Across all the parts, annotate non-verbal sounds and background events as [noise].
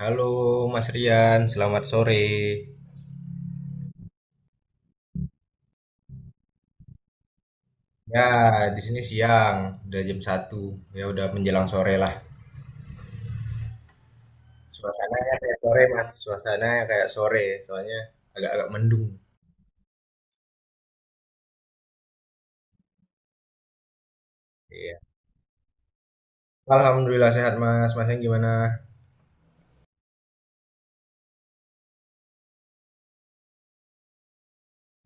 Halo Mas Rian, selamat sore. Ya, di sini siang, udah jam 1. Ya udah menjelang sore lah. Suasananya kayak sore, Mas. Suasananya kayak sore, soalnya agak-agak mendung. Iya. Alhamdulillah sehat, Mas. Masnya gimana?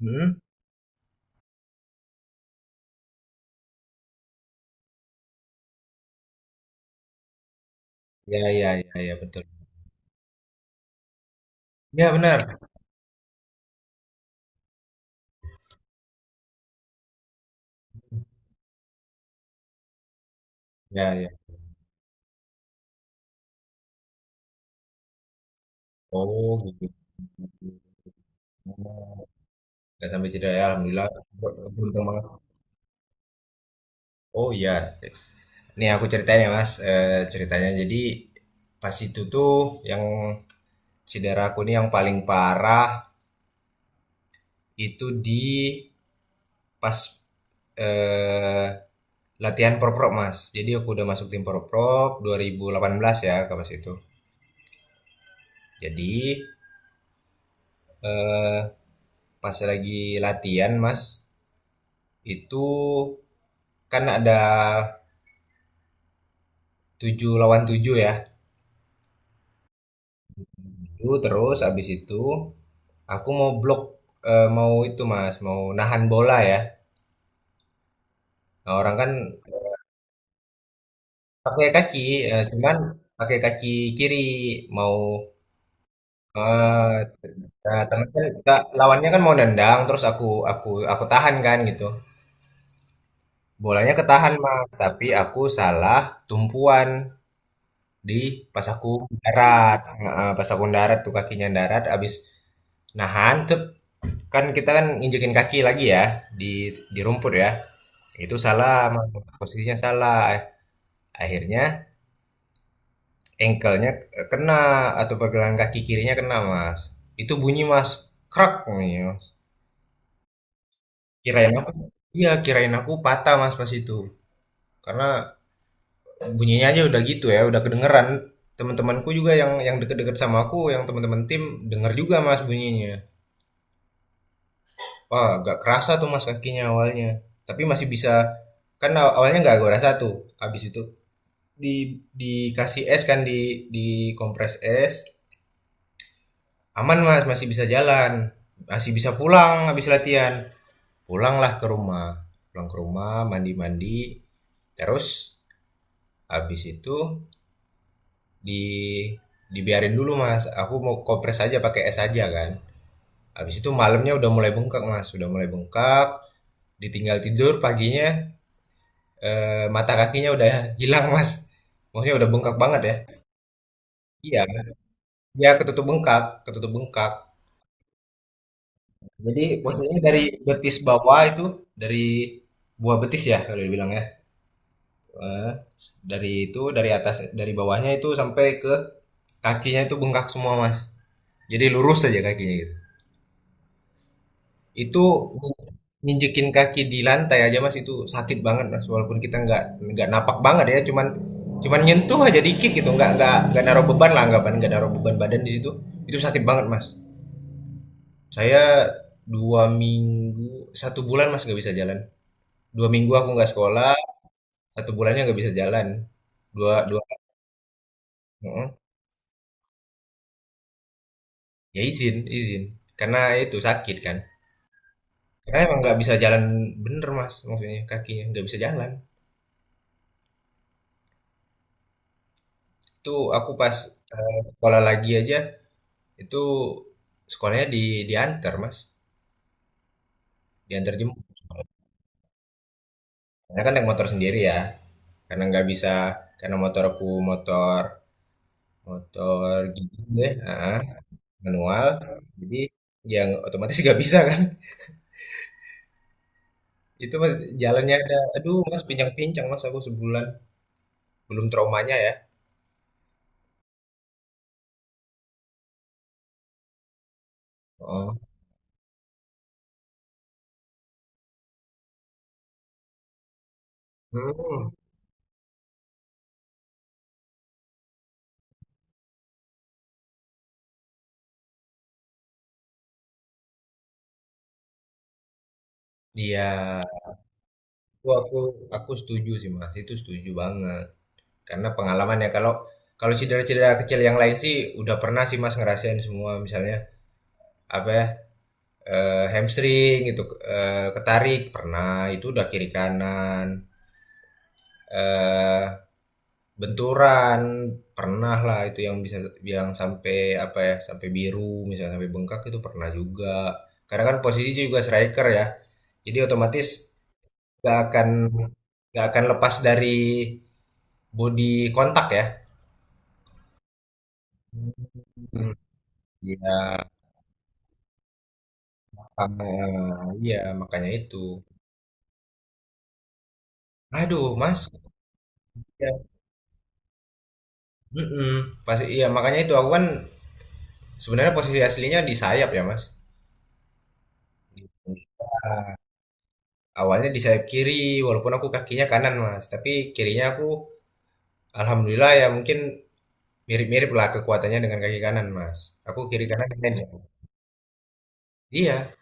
Hmm? Ya, ya, ya, ya, betul. Ya, benar. Ya, ya. Oh, gitu. Gak sampai cedera ya, Alhamdulillah. Beruntung banget. Oh iya. Nih aku ceritain ya Mas, ceritanya. Jadi pas itu tuh yang cedera aku nih yang paling parah itu pas eh, latihan proprok mas. Jadi aku udah masuk tim proprok 2018 ya ke pas itu. Jadi eh, pas lagi latihan mas, itu kan ada 7 lawan 7 ya. Itu terus abis itu aku mau itu mas mau nahan bola ya. Nah, orang kan pakai kaki cuman pakai kaki kiri mau eh, nah, temen kan lawannya kan mau nendang, terus aku aku tahan kan gitu. Bolanya ketahan, Mas, tapi aku salah tumpuan pas aku darat, heeh, pas aku darat tuh kakinya darat abis nahan cep, kan kita kan nginjekin kaki lagi ya di rumput ya. Itu salah, Mas, posisinya salah. Akhirnya engkelnya kena, atau pergelangan kaki kirinya kena, Mas. Itu bunyi, Mas, krak bunyinya, Mas. Kirain apa? Iya, kirain aku patah Mas pas itu. Karena bunyinya aja udah gitu ya, udah kedengeran. Teman-temanku juga yang deket-deket sama aku, yang teman-teman tim denger juga Mas bunyinya. Wah, gak kerasa tuh Mas kakinya awalnya. Tapi masih bisa, kan awalnya nggak gua rasa tuh. Habis itu dikasih es kan, di kompres es. Aman Mas, masih bisa jalan. Masih bisa pulang habis latihan. Pulanglah ke rumah. Pulang ke rumah, mandi-mandi. Terus habis itu di dibiarin dulu Mas. Aku mau kompres aja pakai es aja kan. Habis itu malamnya udah mulai bengkak Mas, udah mulai bengkak. Ditinggal tidur paginya, mata kakinya udah hilang Mas. Maksudnya udah bengkak banget ya. Iya, ya ketutup bengkak, ketutup bengkak. Jadi posisinya dari betis bawah itu, dari buah betis ya kalau dibilang ya. Eh, dari atas, dari bawahnya itu sampai ke kakinya itu bengkak semua Mas. Jadi lurus aja kakinya gitu. Itu nginjekin kaki di lantai aja Mas itu sakit banget Mas, walaupun kita nggak napak banget ya, cuman cuman nyentuh aja dikit gitu, nggak naruh beban lah, anggapan nggak naruh beban badan di situ, itu sakit banget Mas. Saya dua minggu, 1 bulan Mas nggak bisa jalan. 2 minggu aku nggak sekolah, 1 bulannya nggak bisa jalan. Dua dua heeh. Ya izin, izin karena itu sakit kan, karena emang nggak bisa jalan, bener Mas, maksudnya kakinya nggak bisa jalan. Itu aku pas sekolah lagi aja, itu sekolahnya diantar Mas, diantar jemput. Karena kan naik motor sendiri ya, karena nggak bisa, karena motor aku, motor motor gigi deh, heeh, manual, jadi yang otomatis [laughs] nggak bisa kan. Itu, Mas, jalannya ada aduh, Mas, pincang-pincang, Mas, aku sebulan, belum traumanya ya. Oh, mhm, iya, aku aku aku setuju sih, Mas, itu setuju banget. Karena pengalaman ya, kalau kalau cedera-cedera kecil yang lain sih udah pernah sih Mas ngerasain semua, misalnya apa ya, hamstring itu, e, ketarik pernah, itu udah kiri kanan, eh benturan pernah lah, itu yang bisa bilang sampai apa ya, sampai biru, misalnya sampai bengkak itu pernah juga, karena kan posisi juga striker ya, jadi otomatis nggak akan lepas dari body kontak ya. Hmm. Iya. Ah, iya makanya itu. Aduh, Mas. Ya. Mm-mm. Pasti iya makanya itu, aku kan sebenarnya posisi aslinya di sayap ya, Mas. Awalnya di sayap kiri, walaupun aku kakinya kanan, Mas. Tapi kirinya aku alhamdulillah ya, mungkin mirip-mirip lah kekuatannya dengan kaki kanan, Mas. Aku kiri kanan main ya. Iya.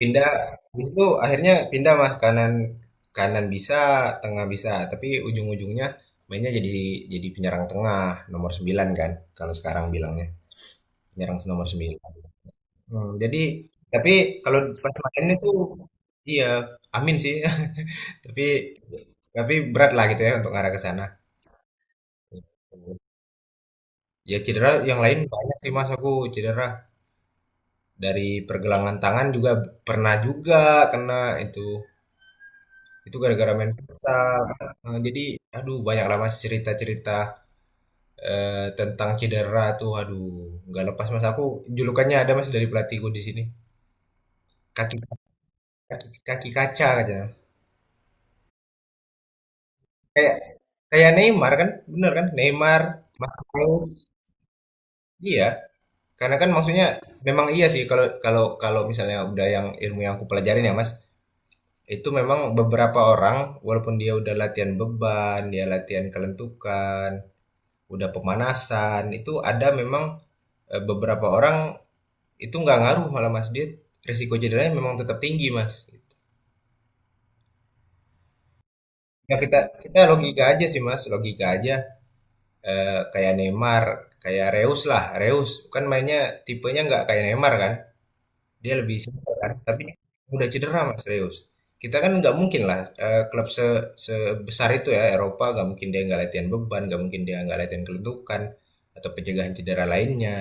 Pindah itu akhirnya pindah, Mas, kanan, kanan bisa, tengah bisa, tapi ujung-ujungnya mainnya jadi penyerang tengah, nomor 9 kan kalau sekarang bilangnya. Penyerang nomor 9. Hmm, tapi kalau pas main itu, iya, amin sih. [laughs] Tapi berat lah gitu ya untuk arah ke sana. Ya, cedera yang lain banyak sih Mas, aku cedera dari pergelangan tangan juga, pernah juga kena itu itu gara-gara main futsal. Jadi aduh, banyak lah Mas cerita-cerita eh, tentang cedera tuh aduh, nggak lepas Mas aku, julukannya ada Mas dari pelatihku di sini, kaki kaki kaki kaca aja. Kayak kayak Neymar kan, bener kan? Neymar, Marquinhos, iya. Karena kan maksudnya memang iya sih, kalau kalau kalau misalnya udah, yang ilmu yang aku pelajarin ya Mas, itu memang beberapa orang, walaupun dia udah latihan beban, dia latihan kelentukan, udah pemanasan, itu ada memang beberapa orang itu nggak ngaruh malah Mas, dia risiko cederanya memang tetap tinggi Mas. Ya, kita kita logika aja sih Mas, logika aja. Kayak Neymar, kayak Reus lah. Reus kan mainnya tipenya nggak kayak Neymar kan. Dia lebih simpel kan. Tapi udah cedera Mas Reus. Kita kan nggak mungkin lah klub sebesar itu ya, Eropa, nggak mungkin dia nggak latihan beban, nggak mungkin dia nggak latihan kelentukan atau pencegahan cedera lainnya.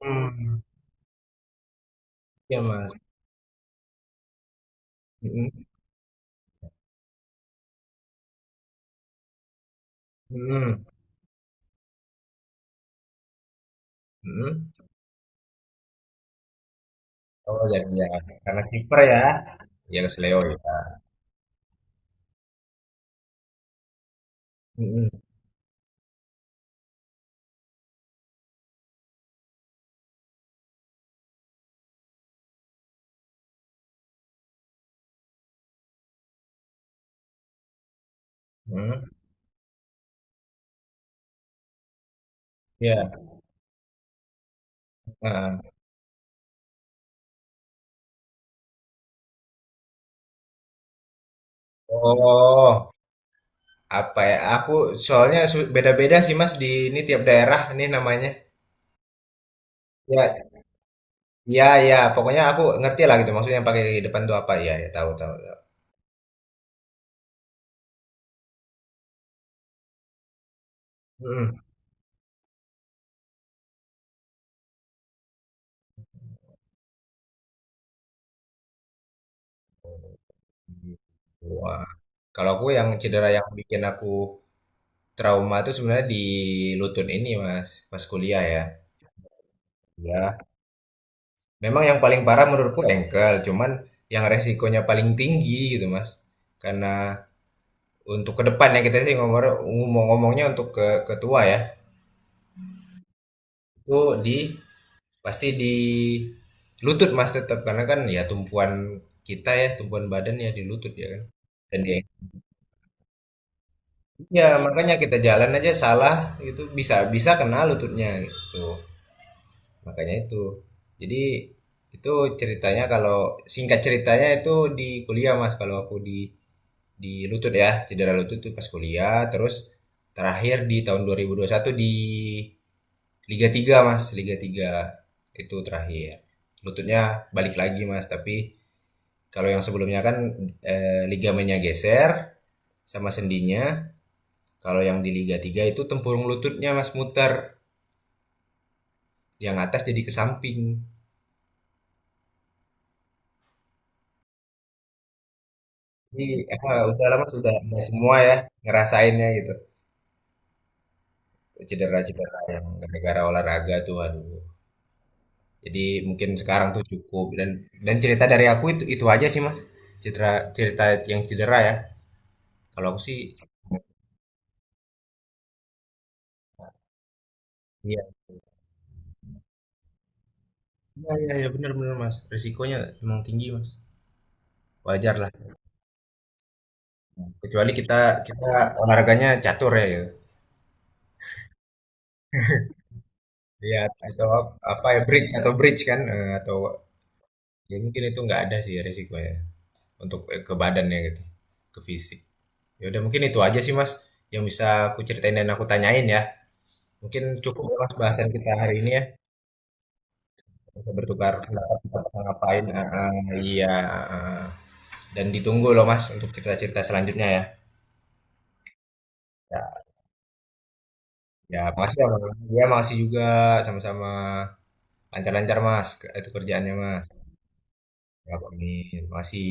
Hmm. Ya Mas. Mm, mm, mm. Oh, jadi ya karena kiper ya. Ya, ke Leo ya. Mm, mm, mm. Ya. Heeh. Oh. Apa ya, aku soalnya beda-beda sih mas, di ini tiap daerah ini namanya. Ya, ya, ya, pokoknya aku ngerti lah gitu maksudnya, yang pakai kaki depan tuh apa ya, ya tahu, tahu, tahu. Hmm. Wah, kalau aku yang cedera yang bikin aku trauma itu sebenarnya di lutut ini mas, pas kuliah ya. Ya, memang yang paling parah menurutku engkel, cuman yang resikonya paling tinggi gitu mas, karena untuk ke depan ya, kita sih ngomong ngomong ngomongnya untuk ke ketua ya, itu di pasti di lutut Mas tetap, karena kan ya tumpuan kita ya, tumpuan badan ya di lutut ya kan. Dan dia ya makanya kita jalan aja salah, itu bisa bisa kena lututnya gitu. Makanya itu. Jadi itu ceritanya, kalau singkat ceritanya itu di kuliah Mas, kalau aku di lutut ya, cedera lutut tuh pas kuliah, terus terakhir di tahun 2021 di Liga 3 mas, Liga 3 itu terakhir. Lututnya balik lagi mas, tapi kalau yang sebelumnya kan ligamennya geser sama sendinya. Kalau yang di Liga 3 itu tempurung lututnya mas muter, yang atas jadi ke samping. Jadi udah lama sudah semua ya ngerasainnya gitu. Cedera-cedera yang gara-gara olahraga tuh aduh. Jadi mungkin sekarang tuh cukup, dan cerita dari aku itu aja sih mas. Cedera cerita yang cedera ya. Kalau aku sih, iya iya iya, benar-benar Mas, risikonya emang tinggi, Mas, wajar lah, kecuali kita kita olahraganya catur ya gitu, iya, atau apa ya, bridge, atau bridge kan, atau ya mungkin itu nggak ada sih risikonya untuk, ke badannya gitu, ke fisik. Ya udah mungkin itu aja sih, Mas, yang bisa aku ceritain dan aku tanyain ya, mungkin cukup ya, Mas, bahasan kita hari ini ya, kita bertukar pendapat kita bakal ngapain, heeh, iya, heeh, dan ditunggu loh, Mas, untuk cerita-cerita selanjutnya ya. Ya, makasih ya, Mas. Ya, makasih juga. Sama-sama. Lancar-lancar, Mas. Itu kerjaannya, Mas. Ya, amin. Makasih.